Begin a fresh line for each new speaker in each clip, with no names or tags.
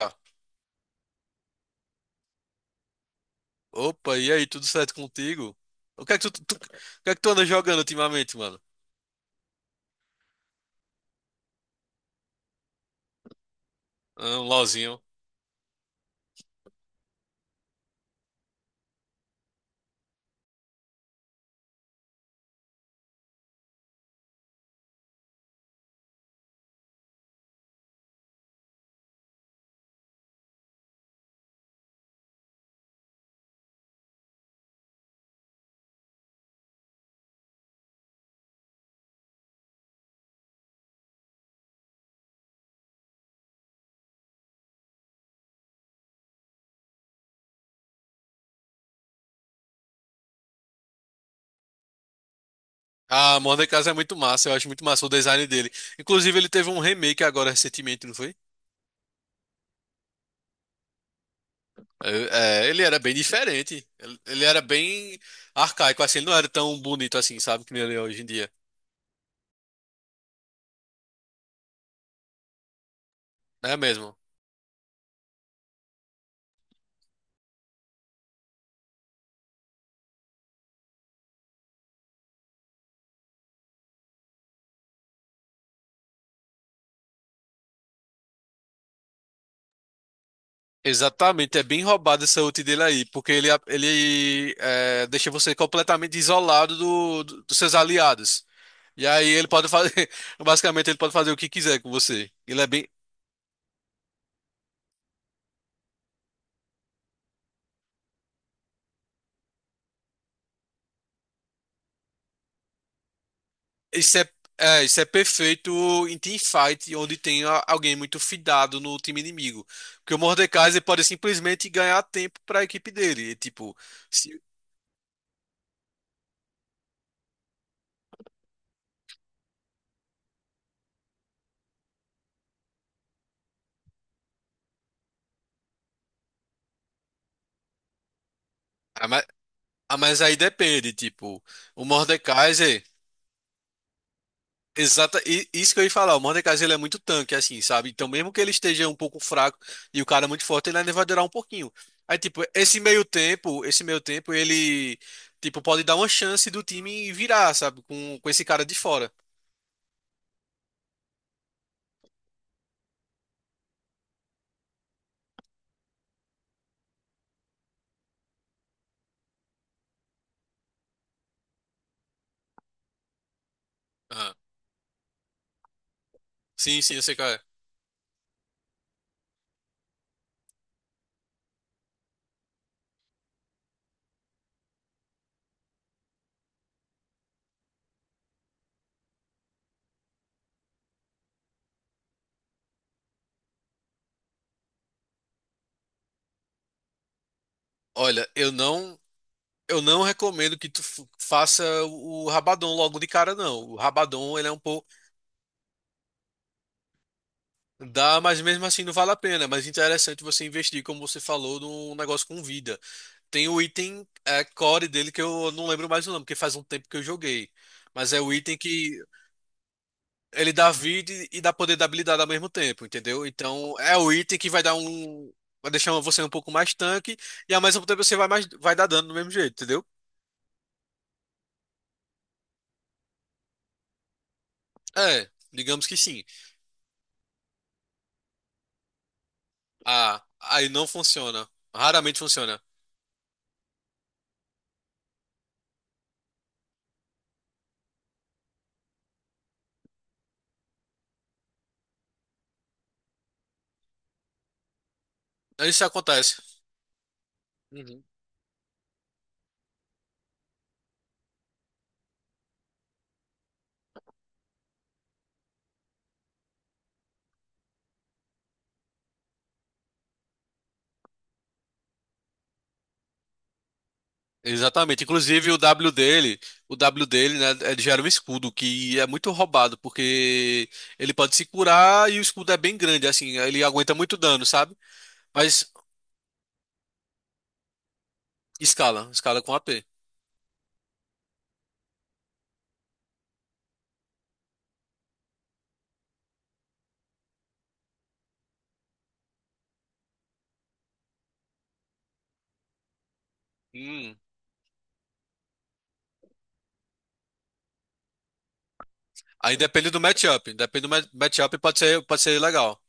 Ah, opa, e aí, tudo certo contigo? O que é que o que é que tu anda jogando ultimamente, mano? Ah, um LOLzinho. Ah, Modern Casa é muito massa, eu acho muito massa o design dele. Inclusive, ele teve um remake agora recentemente, não foi? É, é, ele era bem diferente. Ele era bem arcaico, assim, ele não era tão bonito assim, sabe, que nem ele é hoje em dia. É mesmo. Exatamente, é bem roubado essa ult dele aí, porque ele é, deixa você completamente isolado dos seus aliados. E aí ele pode fazer, basicamente ele pode fazer o que quiser com você. Ele é bem, isso é, é, isso é perfeito em teamfight, onde tem alguém muito fidado no time inimigo. Porque o Mordekaiser ele pode simplesmente ganhar tempo para a equipe dele. E, tipo, se, ah, mas, ah, mas aí depende, tipo, o Mordekaiser. Exata, e- isso que eu ia falar, o Mordekaiser ele é muito tanque, assim, sabe? Então, mesmo que ele esteja um pouco fraco e o cara é muito forte, ele ainda vai durar um pouquinho. Aí, tipo, esse meio tempo, ele, tipo, pode dar uma chance do time virar, sabe? Com esse cara de fora. Aham. Sim, sim, eu sei qual é. Olha, eu não recomendo que tu f- faça o Rabadon logo de cara, não. O Rabadon, ele é um pouco. Dá, mas mesmo assim não vale a pena. Mas interessante você investir, como você falou, num negócio com vida. Tem o item é, core dele que eu não lembro mais o nome, porque faz um tempo que eu joguei. Mas é o item que ele dá vida e dá poder da habilidade ao mesmo tempo, entendeu? Então é o item que vai dar um. Vai deixar você um pouco mais tanque e ao mesmo tempo você vai mais vai dar dano do mesmo jeito, entendeu? É, digamos que sim. Ah, aí não funciona. Raramente funciona. Isso acontece. Uhum. Exatamente. Inclusive o W dele, né, é- gera um escudo que é muito roubado, porque ele pode se curar e o escudo é bem grande, assim, ele aguenta muito dano, sabe? Mas escala, escala com AP. Hum. Aí depende do matchup, depende do ma- matchup, pode ser legal.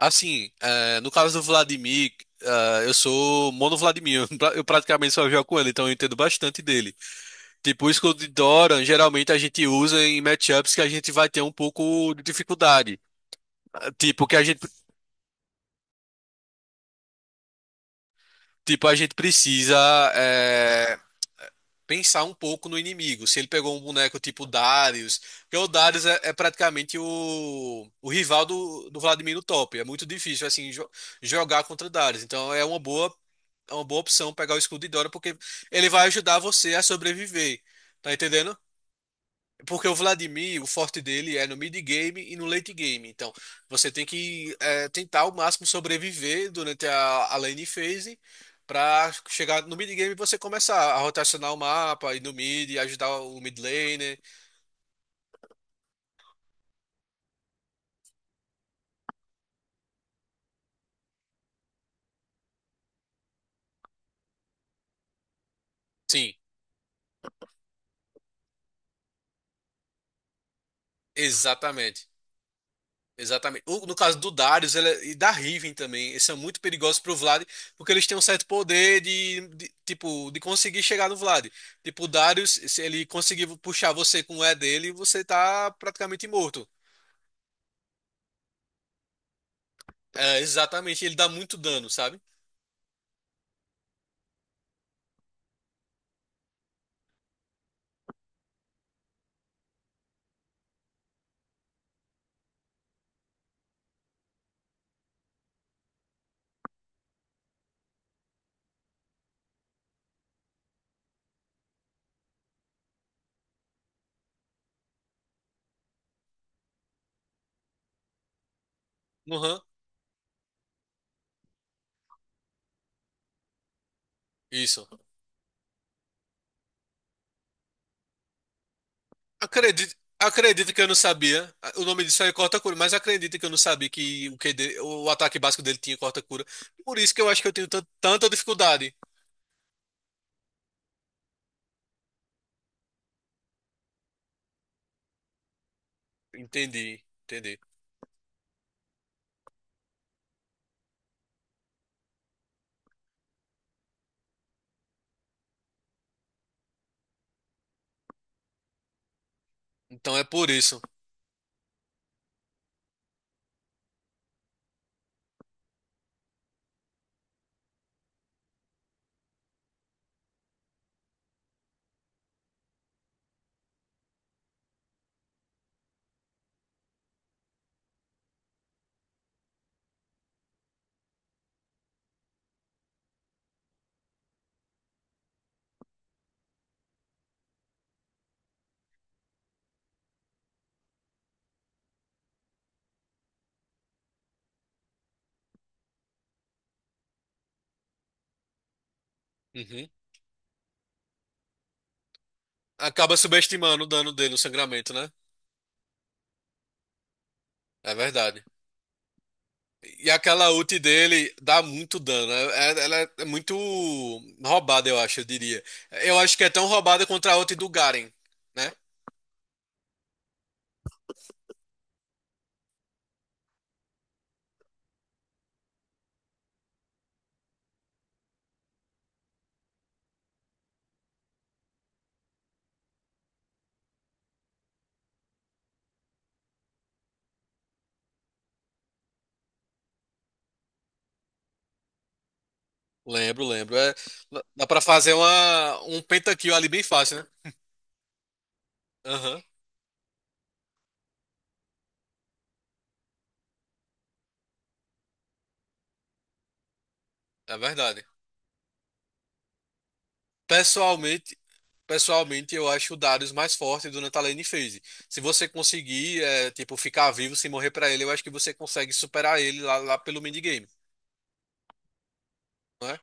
Assim, é, no caso do Vladimir, é, eu sou mono Vladimir, eu praticamente só jogo com ele, então eu entendo bastante dele. Tipo, o escudo de Doran, geralmente a gente usa em matchups que a gente vai ter um pouco de dificuldade. Tipo, que a gente, tipo, a gente precisa é, pensar um pouco no inimigo. Se ele pegou um boneco tipo Darius, porque o Darius é, é praticamente o rival do Vladimir no top. É muito difícil assim jo- jogar contra Darius. É uma boa opção pegar o escudo de Dora, porque ele vai ajudar você a sobreviver. Tá entendendo? Porque o Vladimir, o forte dele é no mid game e no late game. Então, você tem que é, tentar ao máximo sobreviver durante a lane phase para chegar no mid game e você começar a rotacionar o mapa, ir no mid, ajudar o mid laner. Sim, exatamente. Exatamente. O- No caso do Darius ele é- e da Riven também, eles são muito perigosos pro Vlad, porque eles têm um certo poder de- tipo, de conseguir chegar no Vlad. Tipo, o Darius, se ele conseguir puxar você com o E dele, você tá praticamente morto. É, exatamente, ele dá muito dano, sabe? Uhum, isso. Acredito, acredito que eu não sabia. O nome disso é corta-cura, mas acredito que eu não sabia que o QD, o ataque básico dele tinha corta-cura. Por isso que eu acho que eu tenho tan- tanta dificuldade. Entendi, entendi. Então é por isso. Uhum. Acaba subestimando o dano dele, o sangramento, né? É verdade. E aquela ult dele dá muito dano. É- é- ela é muito roubada, eu acho, eu diria. Eu acho que é tão roubada contra a ult do Garen, né? Lembro, lembro. É- dá pra fazer uma, um pentakill ali bem fácil, né? Aham, é verdade. Pessoalmente, Pessoalmente, eu acho o Darius mais forte do Natalane FaZe. Se você conseguir, é, tipo, ficar vivo sem morrer pra ele, eu acho que você consegue superar ele lá, lá pelo minigame, não é?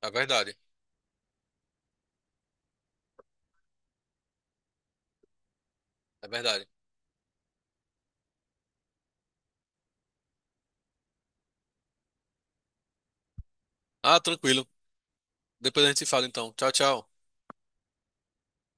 É verdade, é verdade. Ah, tranquilo. Depois a gente se fala então. Tchau, tchau.